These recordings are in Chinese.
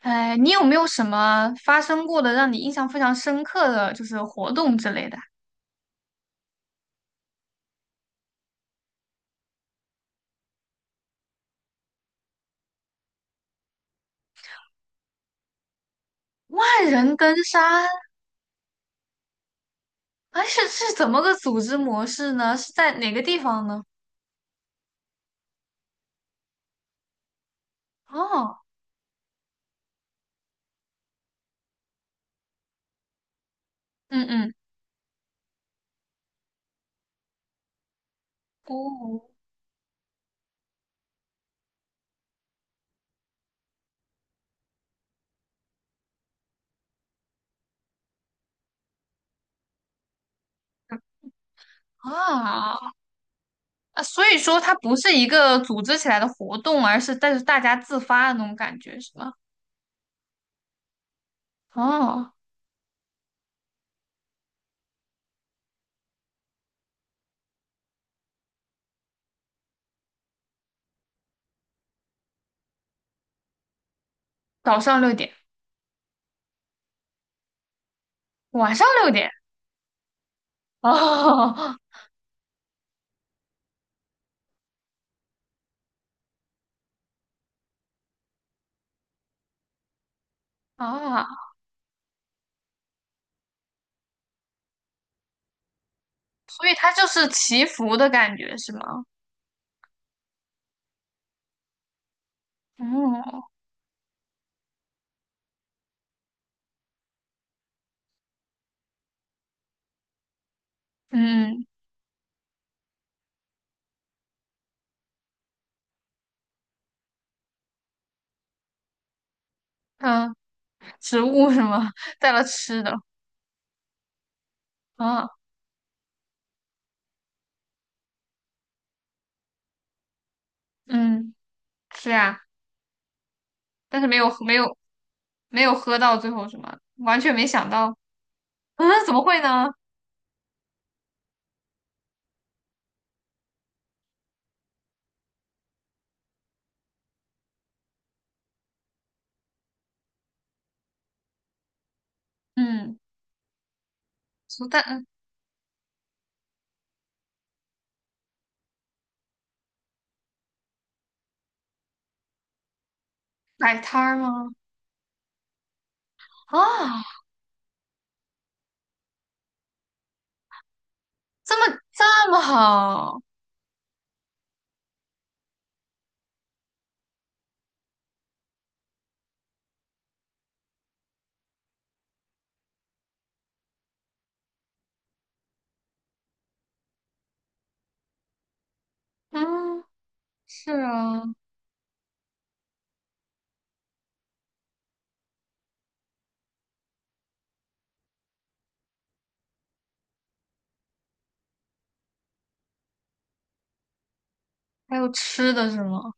哎，你有没有什么发生过的让你印象非常深刻的，就是活动之类的啊？万人登山。哎，是怎么个组织模式呢？是在哪个地方呢？哦。嗯嗯。哦啊。啊，所以说它不是一个组织起来的活动，但是大家自发的那种感觉，是吗？哦。早上六点，晚上六点。哦哦。所以它就是祈福的感觉，是吗？哦。嗯嗯。植物什么带了吃的啊。嗯，是啊。但是没有喝到最后什么，完全没想到。嗯，怎么会呢？嗯。什么蛋摆摊儿吗？啊，这么好。嗯，是啊。还有吃的是吗？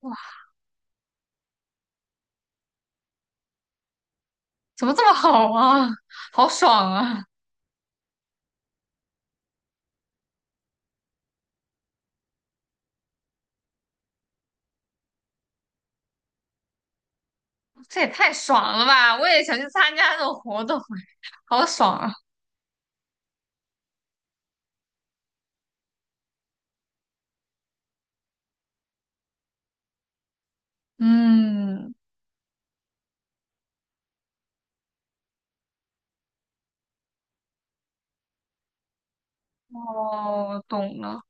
哇，怎么这么好啊？好爽啊！这也太爽了吧！我也想去参加这种活动，好爽啊！嗯。哦，懂了。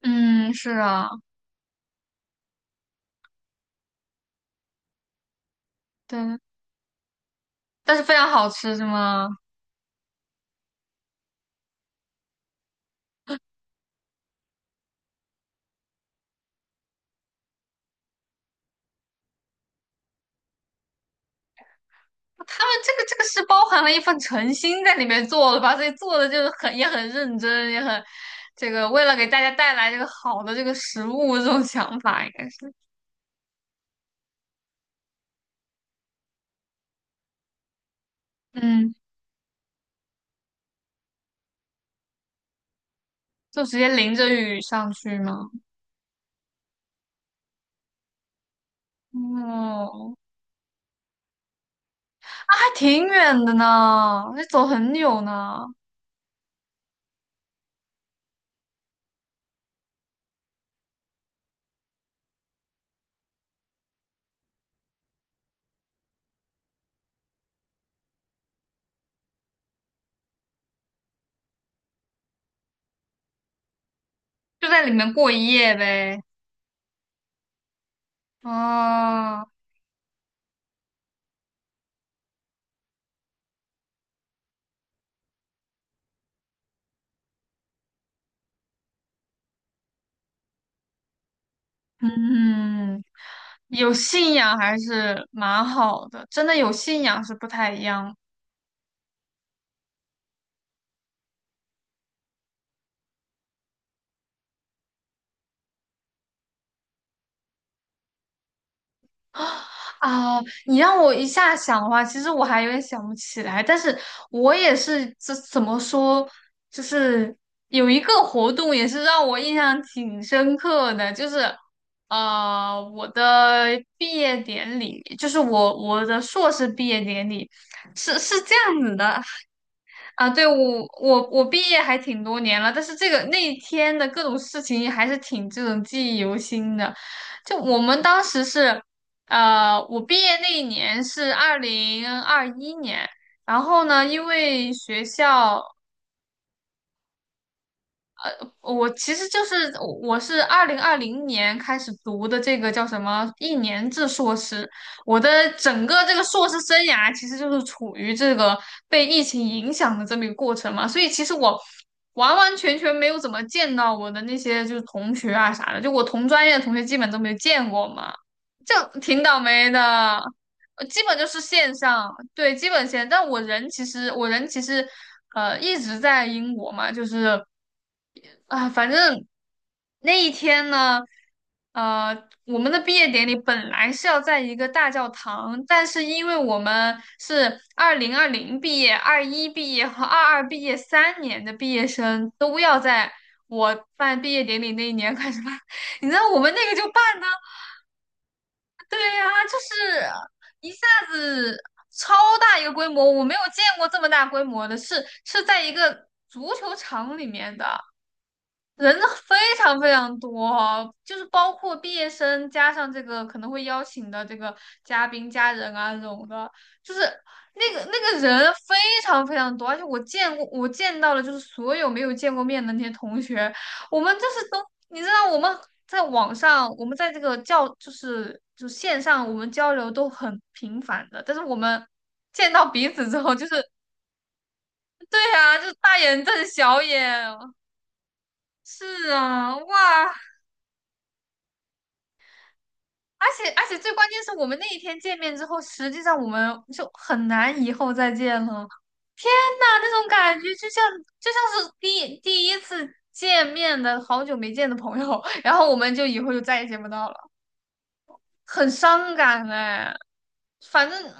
嗯，是啊。对，但是非常好吃是吗？他们这个是包含了一份诚心在里面做的吧，所以做的就是很也很认真，也很这个。为了给大家带来这个好的这个食物这种想法应该是。嗯，就直接淋着雨上去吗？哦，还挺远的呢，得走很久呢。就在里面过一夜呗。哦。嗯，有信仰还是蛮好的，真的有信仰是不太一样的。啊。啊！你让我一下想的话，其实我还有点想不起来，但是我也是。这怎么说，就是有一个活动也是让我印象挺深刻的，就是我的毕业典礼，就是我的硕士毕业典礼是这样子的。啊，对，我毕业还挺多年了，但是这个那一天的各种事情还是挺这种记忆犹新的。就我们当时是，我毕业那一年是2021年，然后呢，因为学校，我其实就是，我是2020年开始读的这个叫什么一年制硕士，我的整个这个硕士生涯其实就是处于这个被疫情影响的这么一个过程嘛，所以其实我完完全全没有怎么见到我的那些就是同学啊啥的，就我同专业的同学基本都没见过嘛，就挺倒霉的。基本就是线上，对，基本线。但我人其实,一直在英国嘛，就是，啊、反正那一天呢，呃，我们的毕业典礼本来是要在一个大教堂，但是因为我们是二零二零毕业、二一毕业和22毕业3年的毕业生，都要在我办毕业典礼那一年开始办。你知道我们那个就办呢。对呀、就是一下子超大一个规模，我没有见过这么大规模的，是在一个足球场里面的，人非常非常多哦，就是包括毕业生，加上这个可能会邀请的这个嘉宾、家人啊这种的，就是那个人非常非常多。而且我见过，我见到了就是所有没有见过面的那些同学，我们就是都，你知道我们在网上，我们在这个教就是就线上，我们交流都很频繁的，但是我们见到彼此之后，就是，对啊，就是大眼瞪小眼。是啊，哇，而且最关键是我们那一天见面之后，实际上我们就很难以后再见了。天呐，那种感觉就像是第一次见面的好久没见的朋友，然后我们就以后就再也见不到了，很伤感哎。反正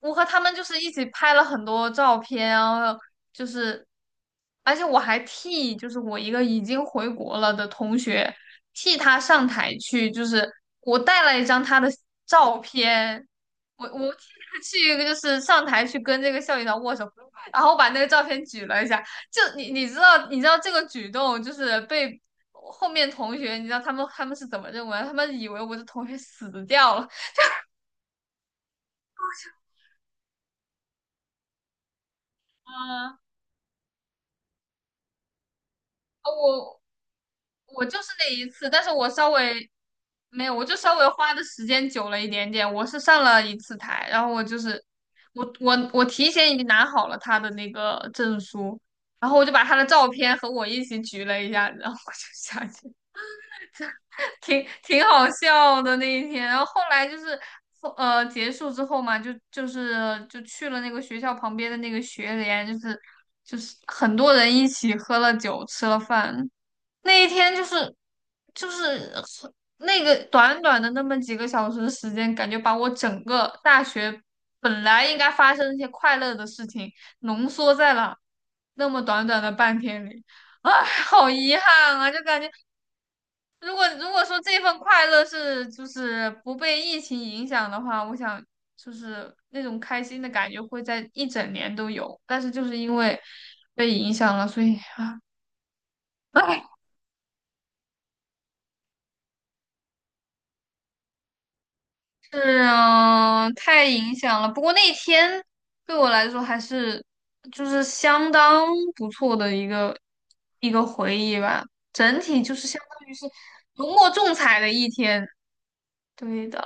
我和他们就是一起拍了很多照片，然后就是，而且我还替就是我一个已经回国了的同学替他上台去，就是我带了一张他的照片，我替他去一个就是上台去跟这个校领导握手，然后把那个照片举了一下，就你知道这个举动就是被，后面同学，你知道他们是怎么认为？他们以为我的同学死掉了。嗯啊我我就是那一次，但是我稍微没有，我就稍微花的时间久了一点点。我是上了一次台，然后我就是，我提前已经拿好了他的那个证书，然后我就把他的照片和我一起举了一下，然后我就下去。挺好笑的那一天。然后后来就是，结束之后嘛，就去了那个学校旁边的那个学联，就是很多人一起喝了酒，吃了饭。那一天就是那个短短的那么几个小时的时间，感觉把我整个大学本来应该发生的一些快乐的事情，浓缩在了那么短短的半天里。哎，好遗憾啊！就感觉如果说这份快乐是就是不被疫情影响的话，我想就是那种开心的感觉会在一整年都有，但是就是因为被影响了，所以啊。哎。是啊，太影响了。不过那天对我来说还是就是相当不错的一个回忆吧。整体就是相当于是浓墨重彩的一天。对的。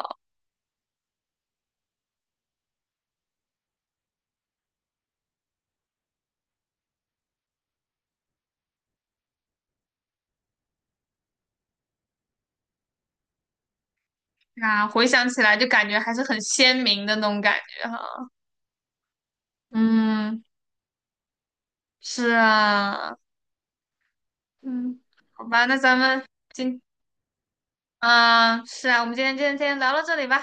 那回想起来就感觉还是很鲜明的那种感觉哈。嗯，是啊。嗯，好吧，那咱们今，啊，是啊，我们今天聊到这里吧。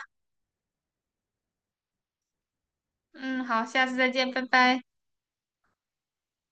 嗯，好，下次再见，拜拜。